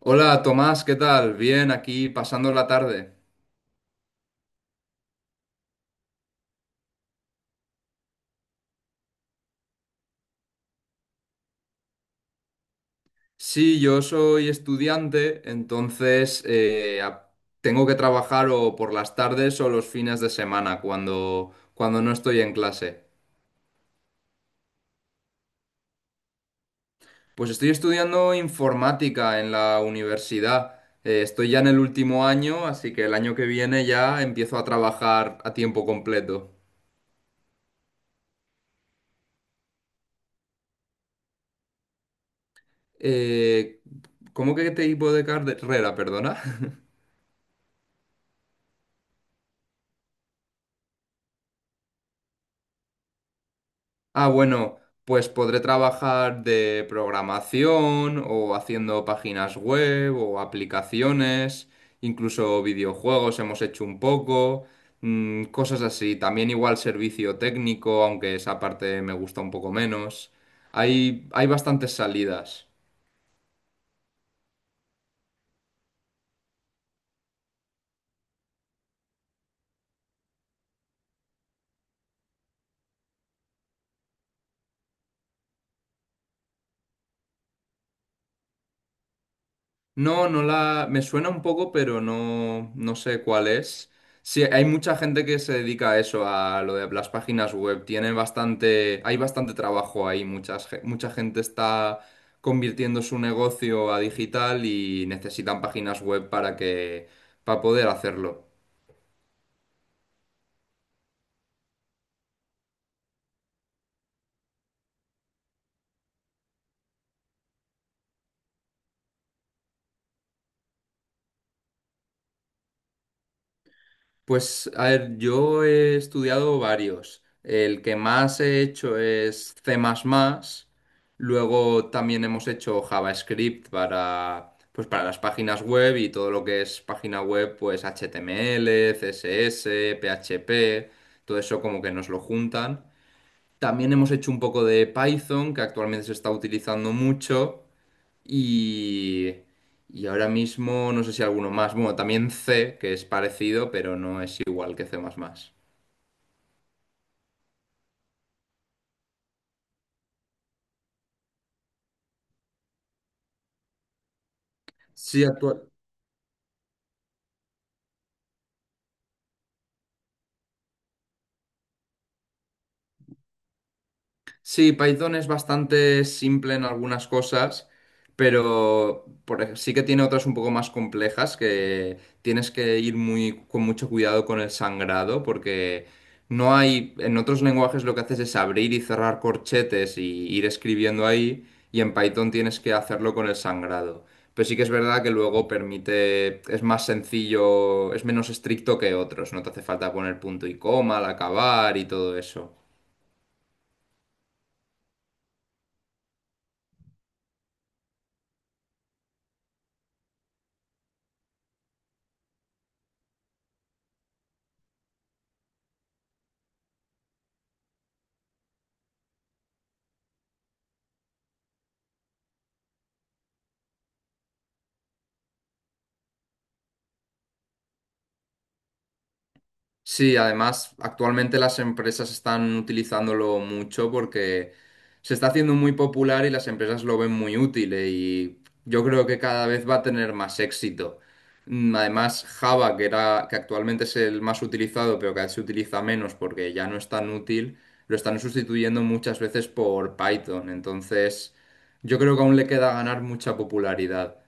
Hola Tomás, ¿qué tal? Bien, aquí pasando la tarde. Sí, yo soy estudiante, entonces tengo que trabajar o por las tardes o los fines de semana cuando no estoy en clase. Pues estoy estudiando informática en la universidad. Estoy ya en el último año, así que el año que viene ya empiezo a trabajar a tiempo completo. Eh, ¿Cómo que qué tipo de carrera, perdona? Ah, bueno, pues podré trabajar de programación o haciendo páginas web o aplicaciones, incluso videojuegos hemos hecho un poco, mm, cosas así. También igual servicio técnico, aunque esa parte me gusta un poco menos. Hay bastantes salidas. No, no la... Me suena un poco, pero no, no sé cuál es. Sí, hay mucha gente que se dedica a eso, a lo de las páginas web. Tiene bastante... Hay bastante trabajo ahí. Mucha gente está convirtiendo su negocio a digital y necesitan páginas web para que... para poder hacerlo. Pues, a ver, yo he estudiado varios. El que más he hecho es C++. Luego también hemos hecho JavaScript para, pues, para las páginas web y todo lo que es página web, pues HTML, CSS, PHP, todo eso como que nos lo juntan. También hemos hecho un poco de Python, que actualmente se está utilizando mucho. Y, y ahora mismo no sé si alguno más. Bueno, también C, que es parecido, pero no es igual que C++. Sí, actual. Sí, Python es bastante simple en algunas cosas, pero sí que tiene otras un poco más complejas que tienes que ir muy con mucho cuidado con el sangrado, porque no hay, en otros lenguajes lo que haces es abrir y cerrar corchetes y ir escribiendo ahí, y en Python tienes que hacerlo con el sangrado. Pero sí que es verdad que luego permite, es más sencillo, es menos estricto que otros, no te hace falta poner punto y coma al acabar y todo eso. Sí, además, actualmente las empresas están utilizándolo mucho porque se está haciendo muy popular y las empresas lo ven muy útil y yo creo que cada vez va a tener más éxito. Mm, además, Java, que actualmente es el más utilizado, pero cada vez se utiliza menos porque ya no es tan útil, lo están sustituyendo muchas veces por Python. Entonces, yo creo que aún le queda ganar mucha popularidad.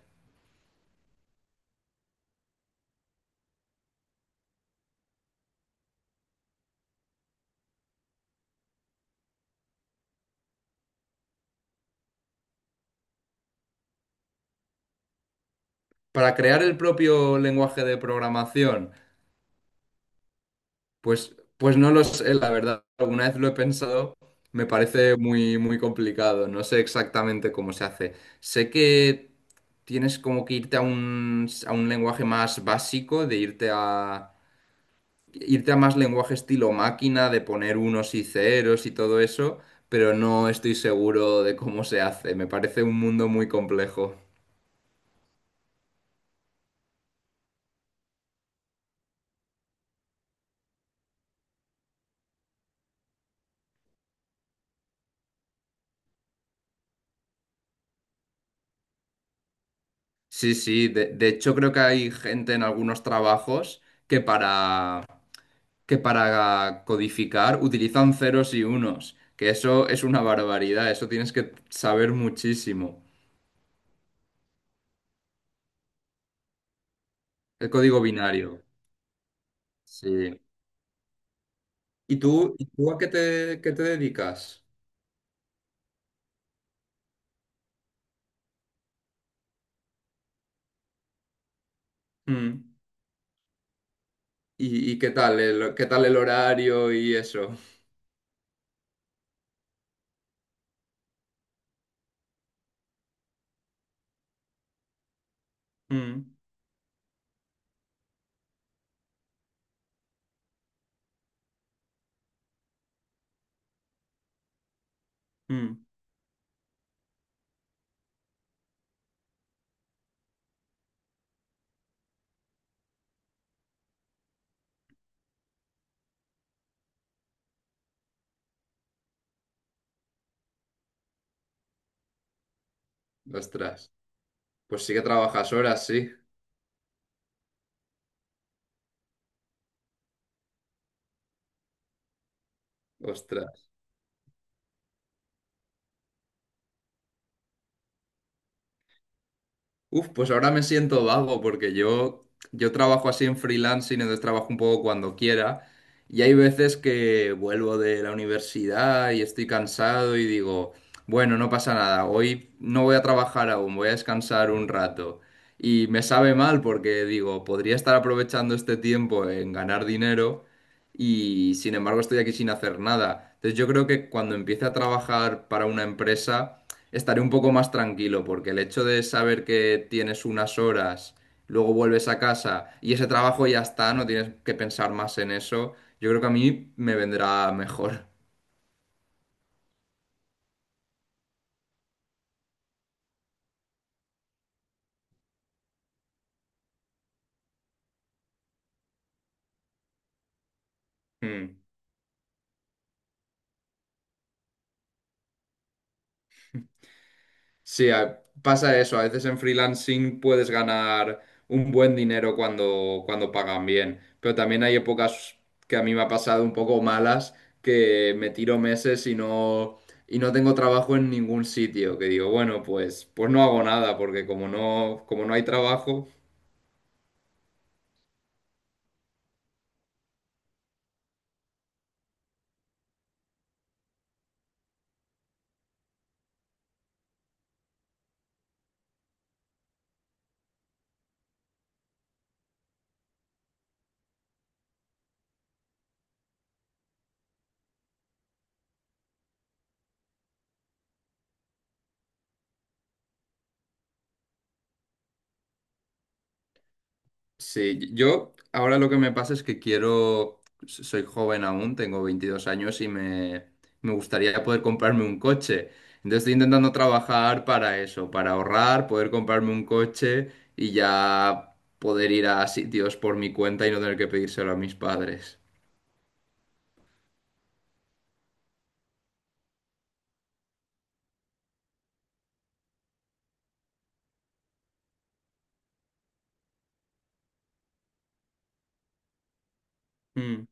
Para crear el propio lenguaje de programación. Pues no lo sé, la verdad. Alguna vez lo he pensado, me parece muy complicado. No sé exactamente cómo se hace. Sé que tienes como que irte a a un lenguaje más básico, irte a más lenguaje estilo máquina, de poner unos y ceros y todo eso, pero no estoy seguro de cómo se hace. Me parece un mundo muy complejo. Sí, sí, de hecho creo que hay gente en algunos trabajos que para, que para codificar utilizan ceros y unos, que eso es una barbaridad, eso tienes que saber muchísimo. El código binario. Sí. ¿Y tú a qué qué te dedicas? Mm. ¿Y qué tal qué tal el horario y eso? Mm, mm. Ostras. Pues sí que trabajas horas, sí. Ostras. Uf, pues ahora me siento vago yo trabajo así en freelancing, entonces trabajo un poco cuando quiera. Y hay veces que vuelvo de la universidad y estoy cansado y digo, bueno, no pasa nada, hoy no voy a trabajar aún, voy a descansar un rato. Y me sabe mal porque digo, podría estar aprovechando este tiempo en ganar dinero, y sin embargo estoy aquí sin hacer nada. Entonces yo creo que cuando empiece a trabajar para una empresa estaré un poco más tranquilo porque el hecho de saber que tienes unas horas, luego vuelves a casa y ese trabajo ya está, no tienes que pensar más en eso, yo creo que a mí me vendrá mejor. Mm. Sí, a- pasa eso. A veces en freelancing puedes ganar un buen dinero cuando pagan bien, pero también hay épocas que a mí me ha pasado un poco malas, que me tiro meses y no tengo trabajo en ningún sitio, que digo, bueno, pues no hago nada, porque como no hay trabajo... Sí, yo ahora lo que me pasa es que quiero, soy joven aún, tengo 22 años me gustaría poder comprarme un coche. Entonces estoy intentando trabajar para eso, para ahorrar, poder comprarme un coche y ya poder ir a sitios por mi cuenta y no tener que pedírselo a mis padres. Mm,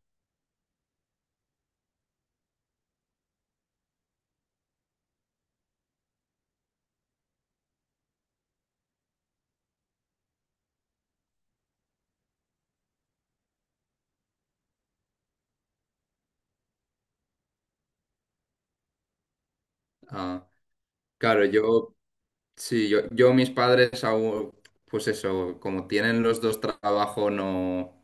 ah, claro, yo mis padres aún, pues eso, como tienen los dos trabajo, no.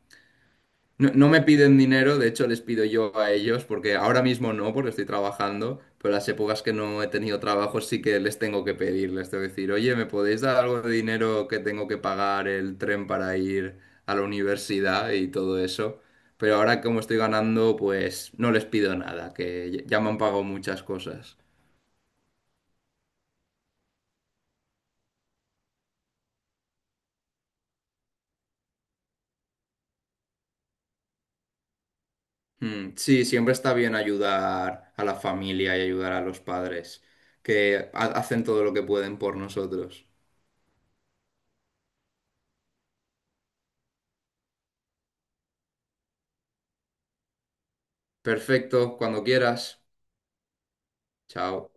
No, no me piden dinero, de hecho les pido yo a ellos, porque ahora mismo no, porque estoy trabajando, pero las épocas que no he tenido trabajo sí que les tengo que pedir, les tengo que decir, oye, ¿me podéis dar algo de dinero que tengo que pagar el tren para ir a la universidad y todo eso? Pero ahora como estoy ganando, pues no les pido nada, que ya me han pagado muchas cosas. Mm, sí, siempre está bien ayudar a la familia y ayudar a los padres, que ha- hacen todo lo que pueden por nosotros. Perfecto, cuando quieras. Chao.